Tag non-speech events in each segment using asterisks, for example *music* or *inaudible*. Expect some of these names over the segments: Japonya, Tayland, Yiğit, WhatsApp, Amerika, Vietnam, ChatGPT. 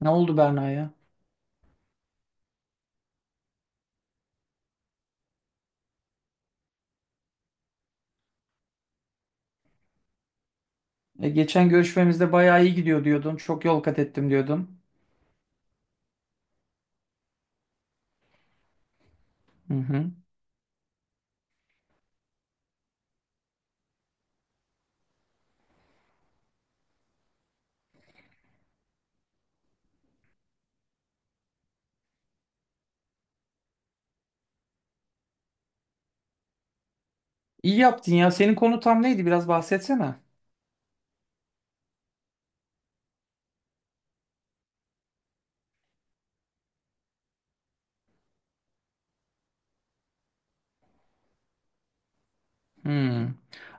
Ne oldu Berna'ya? Geçen görüşmemizde bayağı iyi gidiyor diyordun. Çok yol kat ettim diyordun. Hı hı. İyi yaptın ya. Senin konu tam neydi? Biraz bahsetsene. Hmm.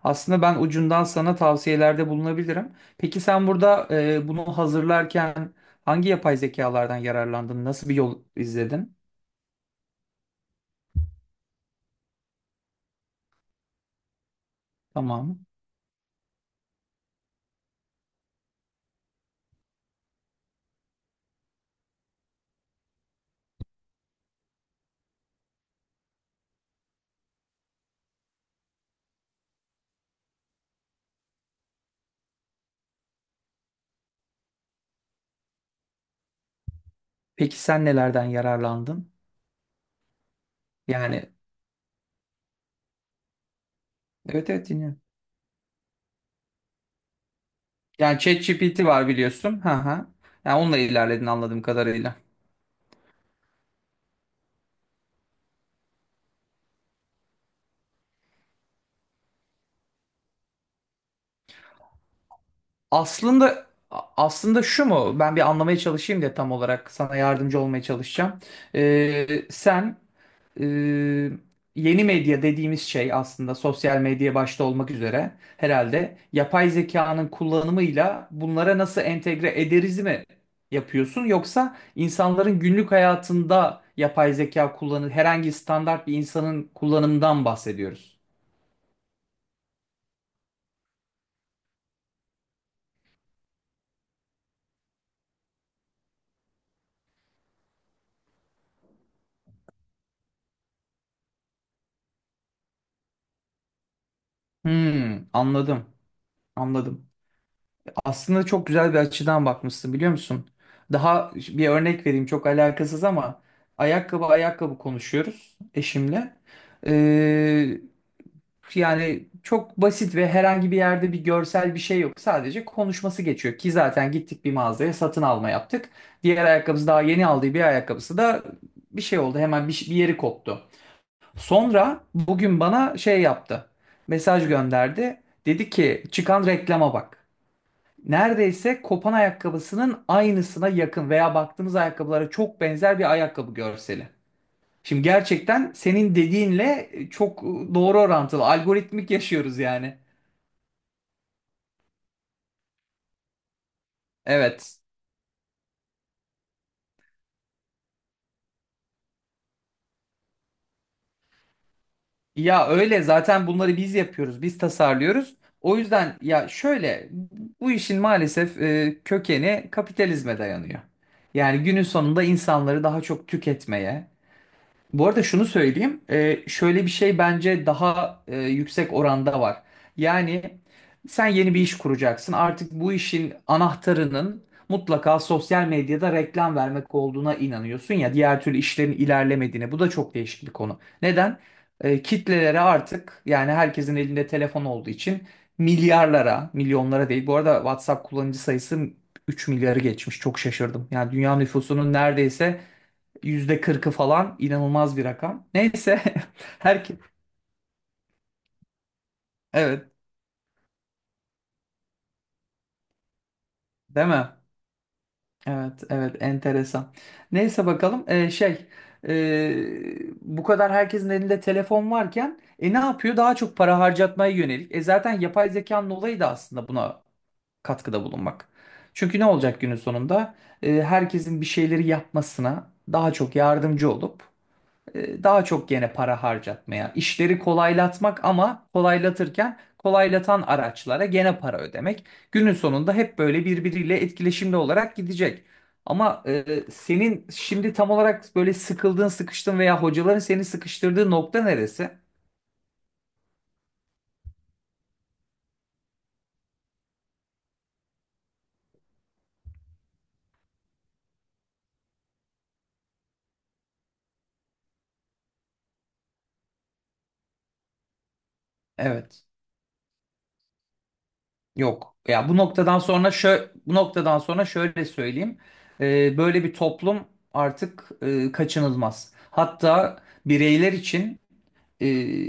Aslında ben ucundan sana tavsiyelerde bulunabilirim. Peki sen burada bunu hazırlarken hangi yapay zekalardan yararlandın? Nasıl bir yol izledin? Tamam. Peki sen nelerden yararlandın? Yani evet evet dinliyorum. Yani ChatGPT var biliyorsun. Ha ha. Yani onunla ilerledin anladığım kadarıyla. Aslında aslında şu mu? Ben bir anlamaya çalışayım diye tam olarak sana yardımcı olmaya çalışacağım. Sen e, yeni medya dediğimiz şey aslında sosyal medya başta olmak üzere herhalde yapay zekanın kullanımıyla bunlara nasıl entegre ederiz mi yapıyorsun? Yoksa insanların günlük hayatında yapay zeka kullanı herhangi standart bir insanın kullanımından bahsediyoruz. Hmm, anladım, anladım. Aslında çok güzel bir açıdan bakmışsın biliyor musun? Daha bir örnek vereyim, çok alakasız ama ayakkabı ayakkabı konuşuyoruz eşimle. Ee, yani çok basit ve herhangi bir yerde bir görsel bir şey yok. Sadece konuşması geçiyor ki zaten gittik bir mağazaya satın alma yaptık. Diğer ayakkabısı, daha yeni aldığı bir ayakkabısı da bir şey oldu, hemen bir yeri koptu. Sonra bugün bana şey yaptı, mesaj gönderdi, dedi ki çıkan reklama bak. Neredeyse kopan ayakkabısının aynısına yakın veya baktığımız ayakkabılara çok benzer bir ayakkabı görseli. Şimdi gerçekten senin dediğinle çok doğru orantılı. Algoritmik yaşıyoruz yani. Evet. Ya öyle, zaten bunları biz yapıyoruz, biz tasarlıyoruz. O yüzden ya şöyle, bu işin maalesef kökeni kapitalizme dayanıyor. Yani günün sonunda insanları daha çok tüketmeye. Bu arada şunu söyleyeyim. Şöyle bir şey bence daha yüksek oranda var. Yani sen yeni bir iş kuracaksın. Artık bu işin anahtarının mutlaka sosyal medyada reklam vermek olduğuna inanıyorsun ya. Diğer türlü işlerin ilerlemediğine. Bu da çok değişik bir konu. Neden? Kitlelere artık, yani herkesin elinde telefon olduğu için milyarlara, milyonlara değil. Bu arada WhatsApp kullanıcı sayısı 3 milyarı geçmiş. Çok şaşırdım. Yani dünya nüfusunun neredeyse yüzde kırkı falan, inanılmaz bir rakam. Neyse. *laughs* herkes evet değil mi? Evet evet, enteresan. Neyse bakalım. Ee, bu kadar herkesin elinde telefon varken e ne yapıyor? Daha çok para harcatmaya yönelik. E zaten yapay zekanın olayı da aslında buna katkıda bulunmak. Çünkü ne olacak günün sonunda? Herkesin bir şeyleri yapmasına daha çok yardımcı olup daha çok gene para harcatmaya, işleri kolaylatmak ama kolaylatırken kolaylatan araçlara gene para ödemek. Günün sonunda hep böyle birbiriyle etkileşimli olarak gidecek. Ama senin şimdi tam olarak böyle sıkıldığın, sıkıştın veya hocaların seni sıkıştırdığı nokta neresi? Evet. Yok. Bu noktadan sonra şöyle söyleyeyim. Böyle bir toplum artık kaçınılmaz. Hatta bireyler için, e,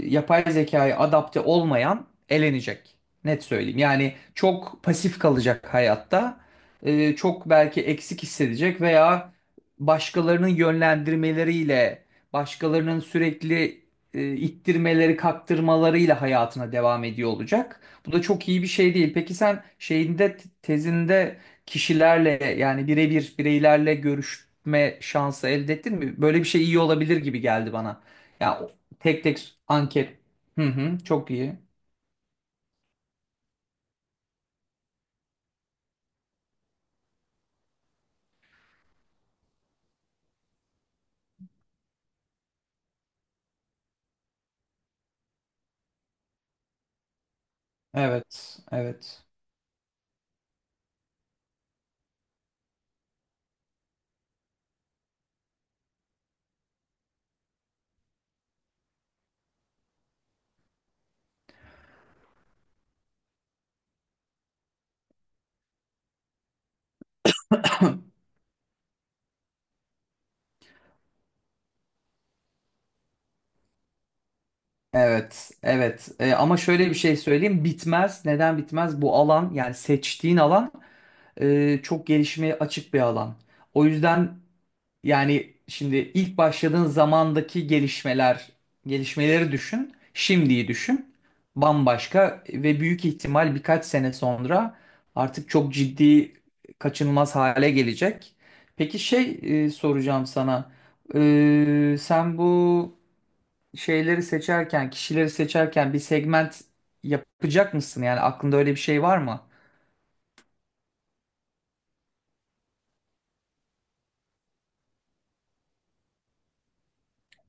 yapay zekaya adapte olmayan elenecek. Net söyleyeyim. Yani çok pasif kalacak hayatta. Çok belki eksik hissedecek veya başkalarının yönlendirmeleriyle, başkalarının sürekli ittirmeleri, kaktırmalarıyla hayatına devam ediyor olacak. Bu da çok iyi bir şey değil. Peki sen şeyinde tezinde kişilerle, yani birebir bireylerle görüşme şansı elde ettin mi? Böyle bir şey iyi olabilir gibi geldi bana. Ya tek tek anket. Hı hı, çok iyi. Evet, evet. Evet, evet. Ama şöyle bir şey söyleyeyim. Bitmez. Neden bitmez? Bu alan, yani seçtiğin alan çok gelişmeye açık bir alan. O yüzden, yani şimdi ilk başladığın zamandaki gelişmeler, gelişmeleri düşün, şimdiyi düşün. Bambaşka, ve büyük ihtimal birkaç sene sonra artık çok ciddi kaçınılmaz hale gelecek. Peki şey soracağım sana. Sen kişileri seçerken bir segment yapacak mısın? Yani aklında öyle bir şey var mı?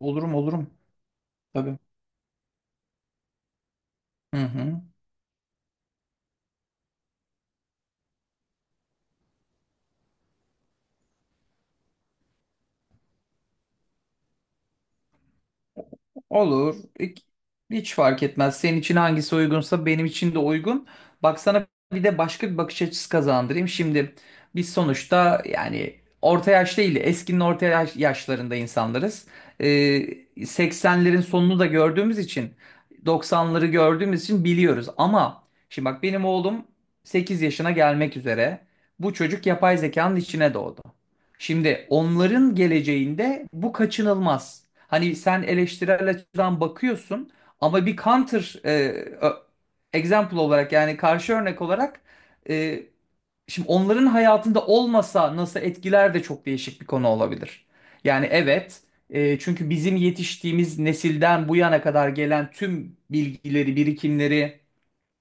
Olurum olurum. Tabii. Hı hı. Olur. Hiç fark etmez. Senin için hangisi uygunsa benim için de uygun. Bak sana bir de başka bir bakış açısı kazandırayım. Şimdi biz sonuçta yani orta yaş değil, yaşlarında insanlarız. 80'lerin sonunu da gördüğümüz için, 90'ları gördüğümüz için biliyoruz. Ama şimdi bak, benim oğlum 8 yaşına gelmek üzere. Bu çocuk yapay zekanın içine doğdu. Şimdi onların geleceğinde bu kaçınılmaz. Hani sen eleştirel açıdan bakıyorsun, ama bir counter ö- example olarak, yani karşı örnek olarak e, şimdi onların hayatında olmasa nasıl etkiler de çok değişik bir konu olabilir. Yani evet, çünkü bizim yetiştiğimiz nesilden bu yana kadar gelen tüm bilgileri, birikimleri,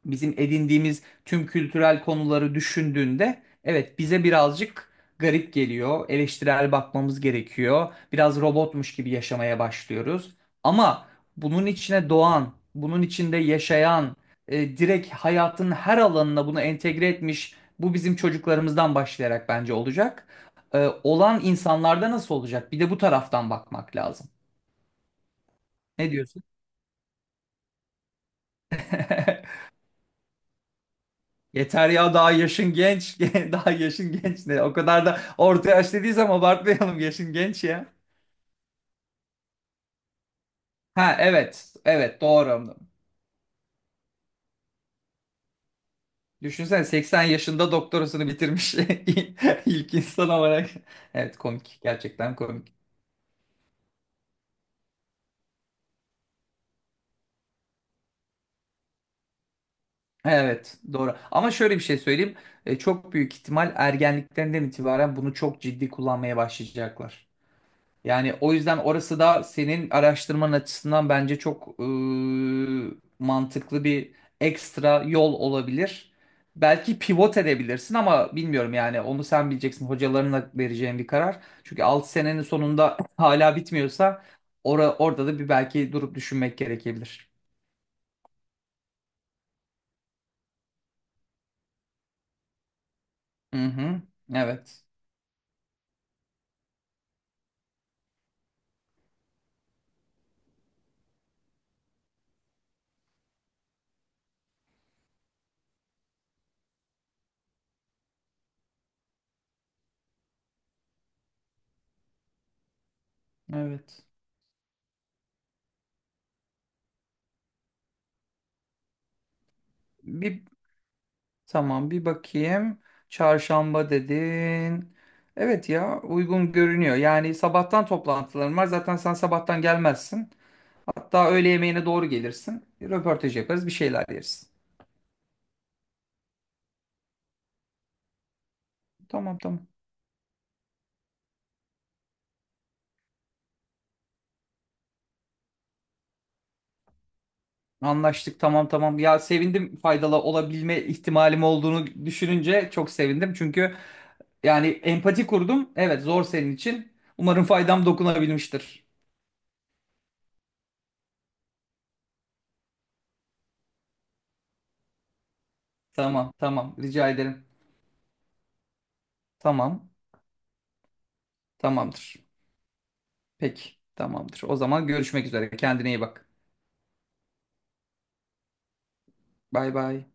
bizim edindiğimiz tüm kültürel konuları düşündüğünde, evet bize birazcık garip geliyor. Eleştirel bakmamız gerekiyor. Biraz robotmuş gibi yaşamaya başlıyoruz. Ama bunun içine doğan, bunun içinde yaşayan, direkt hayatın her alanına bunu entegre etmiş bu bizim çocuklarımızdan başlayarak bence olacak. Olan insanlarda nasıl olacak? Bir de bu taraftan bakmak lazım. Ne diyorsun? *laughs* Yeter ya, daha yaşın genç. *laughs* Daha yaşın genç ne? O kadar da orta yaş dediği zaman abartmayalım. Yaşın genç ya. Ha evet. Evet doğru. Düşünsene, 80 yaşında doktorasını bitirmiş *laughs* ilk insan olarak. Evet komik. Gerçekten komik. Evet doğru. Ama şöyle bir şey söyleyeyim. Çok büyük ihtimal ergenliklerinden itibaren bunu çok ciddi kullanmaya başlayacaklar. Yani o yüzden orası da senin araştırman açısından bence çok mantıklı bir ekstra yol olabilir. Belki pivot edebilirsin ama bilmiyorum, yani onu sen bileceksin, hocalarına vereceğin bir karar. Çünkü 6 senenin sonunda hala bitmiyorsa orada da bir belki durup düşünmek gerekebilir. Hı hı. Evet. Evet. Bir tamam, bir bakayım. Çarşamba dedin. Evet ya, uygun görünüyor. Yani sabahtan toplantılarım var. Zaten sen sabahtan gelmezsin. Hatta öğle yemeğine doğru gelirsin. Röportaj yaparız, bir şeyler yeriz. Tamam tamam. Anlaştık, tamam tamam. Ya sevindim, faydalı olabilme ihtimalim olduğunu düşününce çok sevindim. Çünkü yani empati kurdum. Evet, zor senin için. Umarım faydam dokunabilmiştir. Tamam tamam, rica ederim. Tamam, tamamdır. Peki, tamamdır. O zaman görüşmek üzere. Kendine iyi bak. Bay bay.